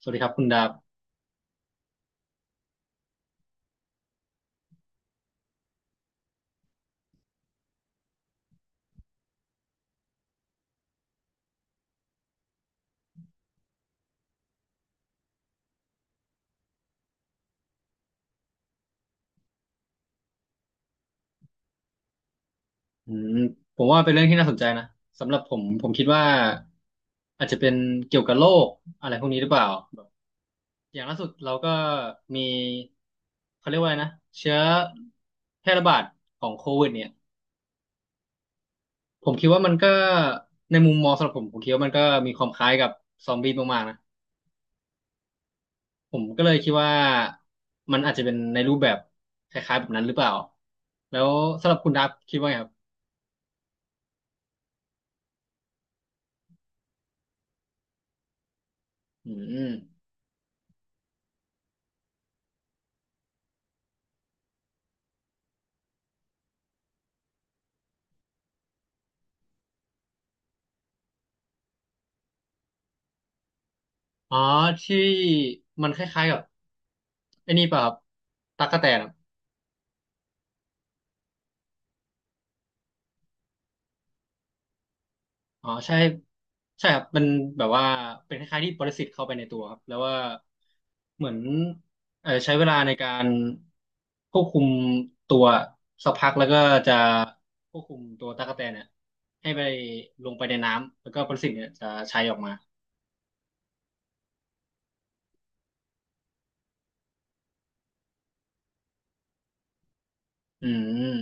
สวัสดีครับคุณดาบอืมผมว่าเป็นเรื่องที่น่าสนใจนะสำหรับผมคิดว่าอาจจะเป็นเกี่ยวกับโรคอะไรพวกนี้หรือเปล่าแบบอย่างล่าสุดเราก็มีเขาเรียกว่าอะไรนะเชื้อแพร่ระบาดของโควิดเนี่ยผมคิดว่ามันก็ในมุมมองสำหรับผมคิดว่ามันก็มีความคล้ายกับซอมบี้มากๆนะผมก็เลยคิดว่ามันอาจจะเป็นในรูปแบบคล้ายๆแบบนั้นหรือเปล่าแล้วสำหรับคุณดาบคิดว่าไงครับอืม อ๋อที่มันคล้ายๆกับไอ้นี่ป่ะครับตั๊กแตนอะอ๋อใช่ใช่ครับมันแบบว่าเป็นคล้ายๆที่ปรสิตเข้าไปในตัวครับแล้วว่าเหมือนเออใช้เวลาในการควบคุมตัวสักพักแล้วก็จะควบคุมตัวตั๊กแตนเนี่ยให้ไปลงไปในน้ำแล้วก็ปรสิตเนี่ยจะใช้ออกมาอืม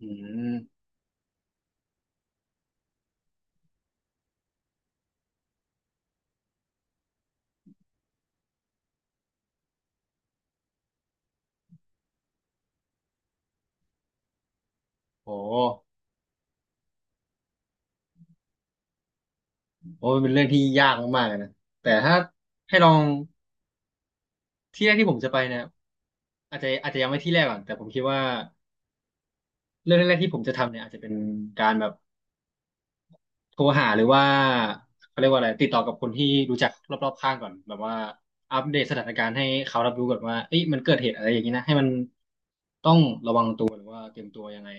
อืมโหโหเป็นเรื่องที่ยากมากๆเลยนะแต่ถ้าให้ลองที่แรกที่ผมจะไปเนี่ย อาจจะยังไม่ที่แรกก่อนแต่ผมคิดว่าเรื่องแรกๆที่ผมจะทำเนี่ยอาจจะเป็นการแบบโทรหาหรือว่าเขาเรียกว่าอะไรติดต่อกับคนที่รู้จักรอบๆข้างก่อนแบบว่าอัปเดตสถานการณ์ให้เขารับรู้ก่อนว่าเอ้ยมันเกิดเหตุอะไรอย่างนี้นะให้มันต้องหรือว่าเตรียมตัวยังไง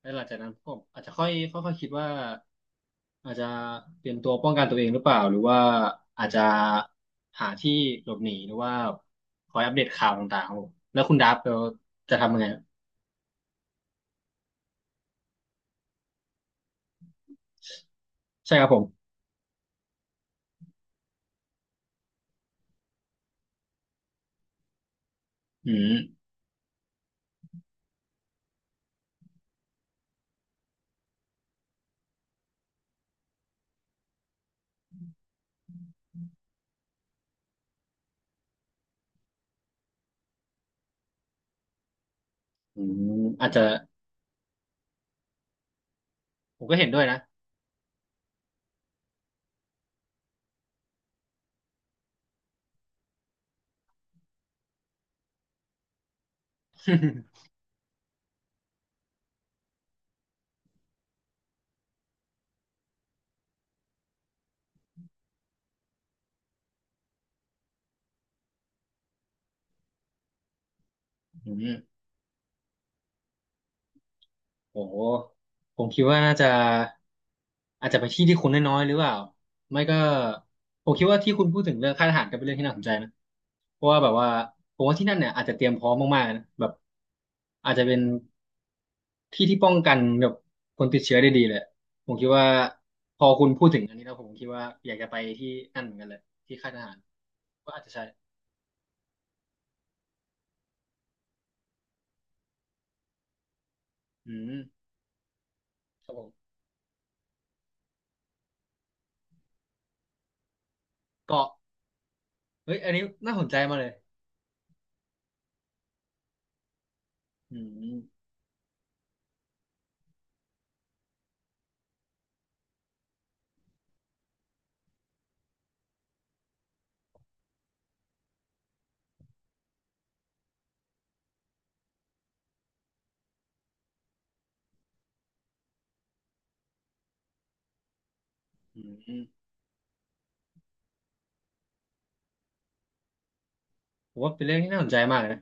แล้วหลังจากนั้นผมอาจจะค่อยค่อยๆคิดว่าอาจจะเตรียมตัวป้องกันตัวเองหรือเปล่าหรือว่าอาจจะหาที่หลบหนีหรือว่าคอยอัปเดตข่าวต่างๆครับผมแล้วคุณดับเราจะทำยังไงใช่ครับผมอืม อืมอาจจะผมก็เห็นด้วยนะ อืมโอ้โหผมคิดว่าน่าจะอาจจะไปที่ที่คนน้อยๆหรือเปล่าไม่ก็ผมคิดว่าที่คุณพูดถึงเรื่องค่ายทหารก็เป็นเรื่องที่น่าสนใจนะเพราะว่าแบบว่าผมว่าที่นั่นเนี่ยอาจจะเตรียมพร้อมมากๆนะแบบอาจจะเป็นที่ที่ป้องกันแบบคนติดเชื้อได้ดีเลยผมคิดว่าถึงอันนี้แล้วผมคิดว่าอยากจะไปที่นั่นเหมือนกันเลยที่ค่ายทหารก็อาจจะใช่อืมครับผมเกาะเฮ้ยอันนี้น่าสนใจมากเลย อืมอืมผมว่าเป็นเรื่องที่น่าสนใจมากเลยนะ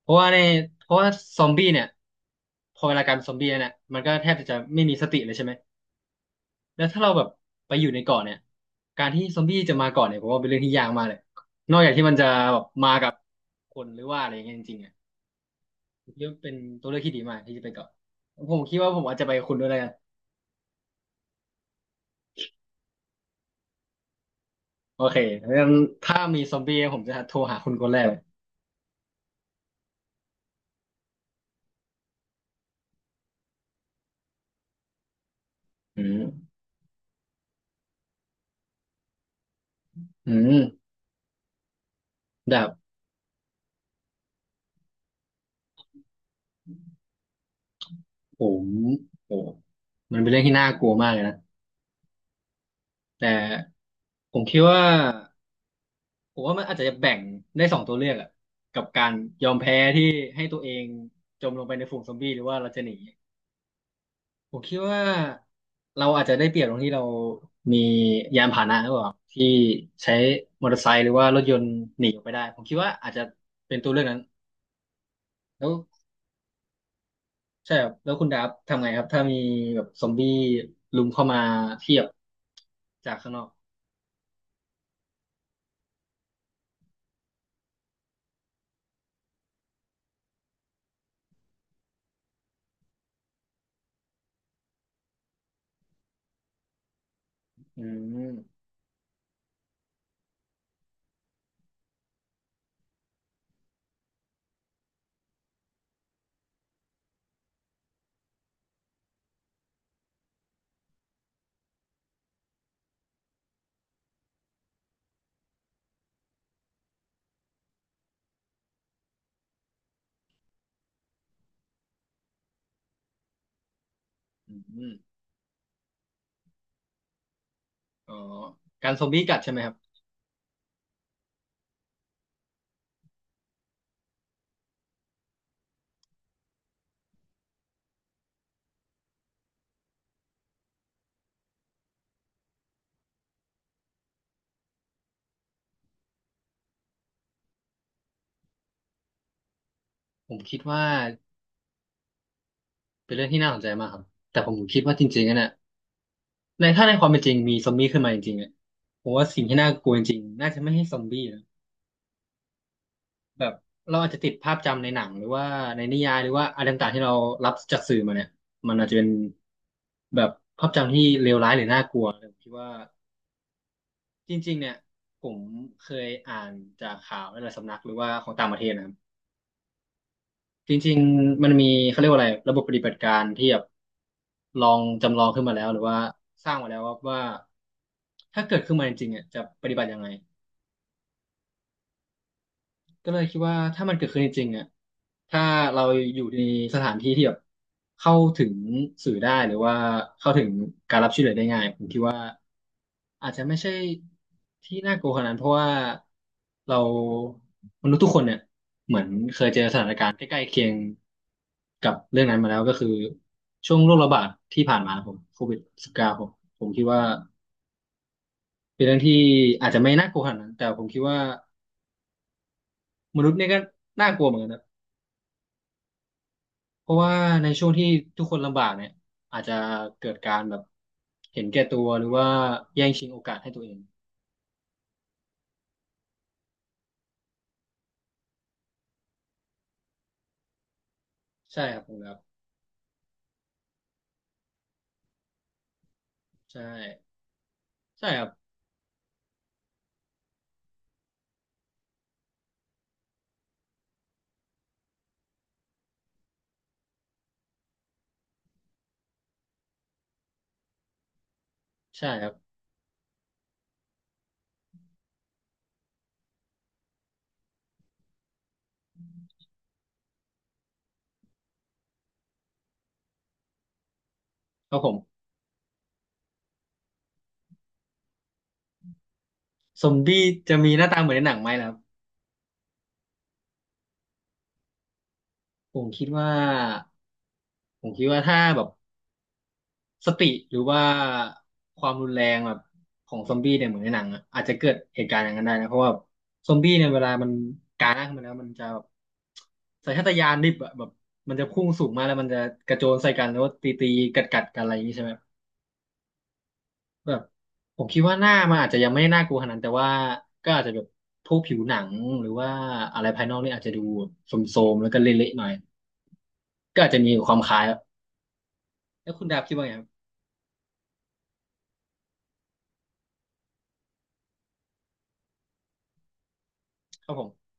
เพราะว่าในเพราะว่าซอมบี้เนี่ยพอเวลากลายเป็นซอมบี้แล้วเนี่ยมันก็แทบจะไม่มีสติเลยใช่ไหมแล้วถ้าเราแบบไปอยู่ในเกาะเนี่ยการที่ซอมบี้จะมาเกาะเนี่ยผมว่าเป็นเรื่องที่ยากมากเลยนอกจากที่มันจะแบบมาคนหรือว่าอะไรอย่างเงี้ยจริงๆอ่ะผมคิดว่าเป็นตัวเลือกที่ดีมากที่จะไปเกาะผมคิดว่าผมอาจจะไปคุณด้วยแล้วกันโอเคงั้นถ้ามีซอมบี้ผมจะโทรหาคุณคนแรกเลยอืมอืมแบบผมโอ้มันเป็นเรื่องที่น่ากลัวมากเลยนะ แต่ผมคิดว่าผมว่ามันอาจจะแบ่งได้สองตัวเลือกอะกับการยอมแพ้ที่ให้ตัวเองจมลงไปในฝูงซอมบี้หรือว่าเราจะหนีผมคิดว่าเราอาจจะได้เปรียบตรงที่เรามียานพาหนะหรือเปล่าที่ใช้มอเตอร์ไซค์หรือว่ารถยนต์หนีออกไปได้ผมคิดว่าอาจจะเป็นตัวเลือกนั้นแล้วใช่ครับแล้วคุณดาบทำไงครับถ้ามีแบบซอมบี้ลุมเข้ามาเทียบจากข้างนอกอืมอืมอ๋อการซอมบี้กัดใช่ไหมครับผมคิดว่า เป็นเรื่องที่น่าสนใจมากครับแต่ผมคิดว่าจริงๆอะเนี่ยในถ้าในความเป็นจริงมีซอมบี้ขึ้นมาจริงๆเนี่ยผมว่าสิ่งที่น่ากลัวจริงๆน่าจะไม่ให้ซอมบี้นะแบบเราอาจจะติดภาพจำในหนังหรือว่าในนิยายหรือว่าอะไรต่างๆที่เรารับจากสื่อมาเนี่ยมันอาจจะเป็นแบบภาพจำที่เลวร้ายหรือน่ากลัวแต่ผมคิดว่าจริงๆเนี่ยผมเคยอ่านจากข่าวในหลายสำนักหรือว่าของต่างประเทศนะ จริงๆมันมีเขาเรียกว่าอะไรระบบปฏิบัติการที่แบบลองจำลองขึ้นมาแล้วหรือว่าสร้างมาแล้วว่าถ้าเกิดขึ้นมาจริงๆอ่ะจะปฏิบัติยังไงก็เลยคิดว่าถ้ามันเกิดขึ้นจริงๆอ่ะถ้าเราอยู่ในสถานที่ที่แบบเข้าถึงสื่อได้หรือว่าเข้าถึงการรับช่วยเหลือได้ง่ายผมคิดว่าอาจจะไม่ใช่ที่น่ากลัวขนาดนั้นเพราะว่าเรามนุษย์ทุกคนเนี่ย ใกล้ๆเคียงกับเรื่องนั้นมาแล้วก็คือช่วงโรคระบาดที่ผ่านมาผมCOVID-19ผมผมคิดว่าเป็นเรื่องที่อาจจะไม่น่ากลัวขนาดนั้นแต่ผมคิดว่ามนุษย์เนี่ยก็น่ากลัวเหมือนกันนะเพราะว่าในช่วงที่ทุกคนลำบากเนี่ยอาจจะเกิดการแบบเห็นแก่ตัวหรือว่าแย่งชิงโอกาสให้ตัวเองใช่ครับผมครับใช่ใช่ครับใช่ครับครับผมซอมบี้จะมีหน้าตาเหมือนในหนังไหมล่ะครับผมคิดว่าผมคิดว่าถ้าแบบ สติหรือว่าความรุนแรงแบบของซอมบี้เนี่ยเหมือนในหนังอะอาจจะเกิดเหตุการณ์อย่างนั้นได้นะเพราะว่าซอมบี้เนี่ยเวลามันการ่าขึ้นมาแล้วมันจะแบบสัญชาตญาณดิบอะแบบมันจะพุ่งสูงมาแล้วมันจะกระโจนใส่กันแล้วตีตีกัดกัดๆกันอะไรอย่างนี้ใช่ไหมแบบผมคิดว่าหน้ามันอาจจะยังไม่ได้น่ากลัวขนาดนั้นแต่ว่าก็อาจจะแบบพวกผิวหนังหรือว่าอะไรภายนอกนี่อาจจะดูโทรมๆแล้วก็เละๆหน่อยก็อาจจะมีความคล้ายอะแล้วคุณดาบคิดว่าไงครับครับผม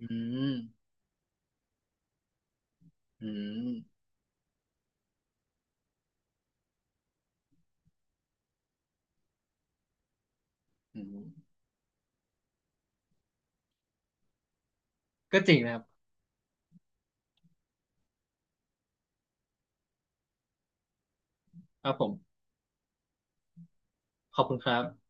อืมอืมอืม ก็จริงนะครับ ครับผม ขอบคุณครับ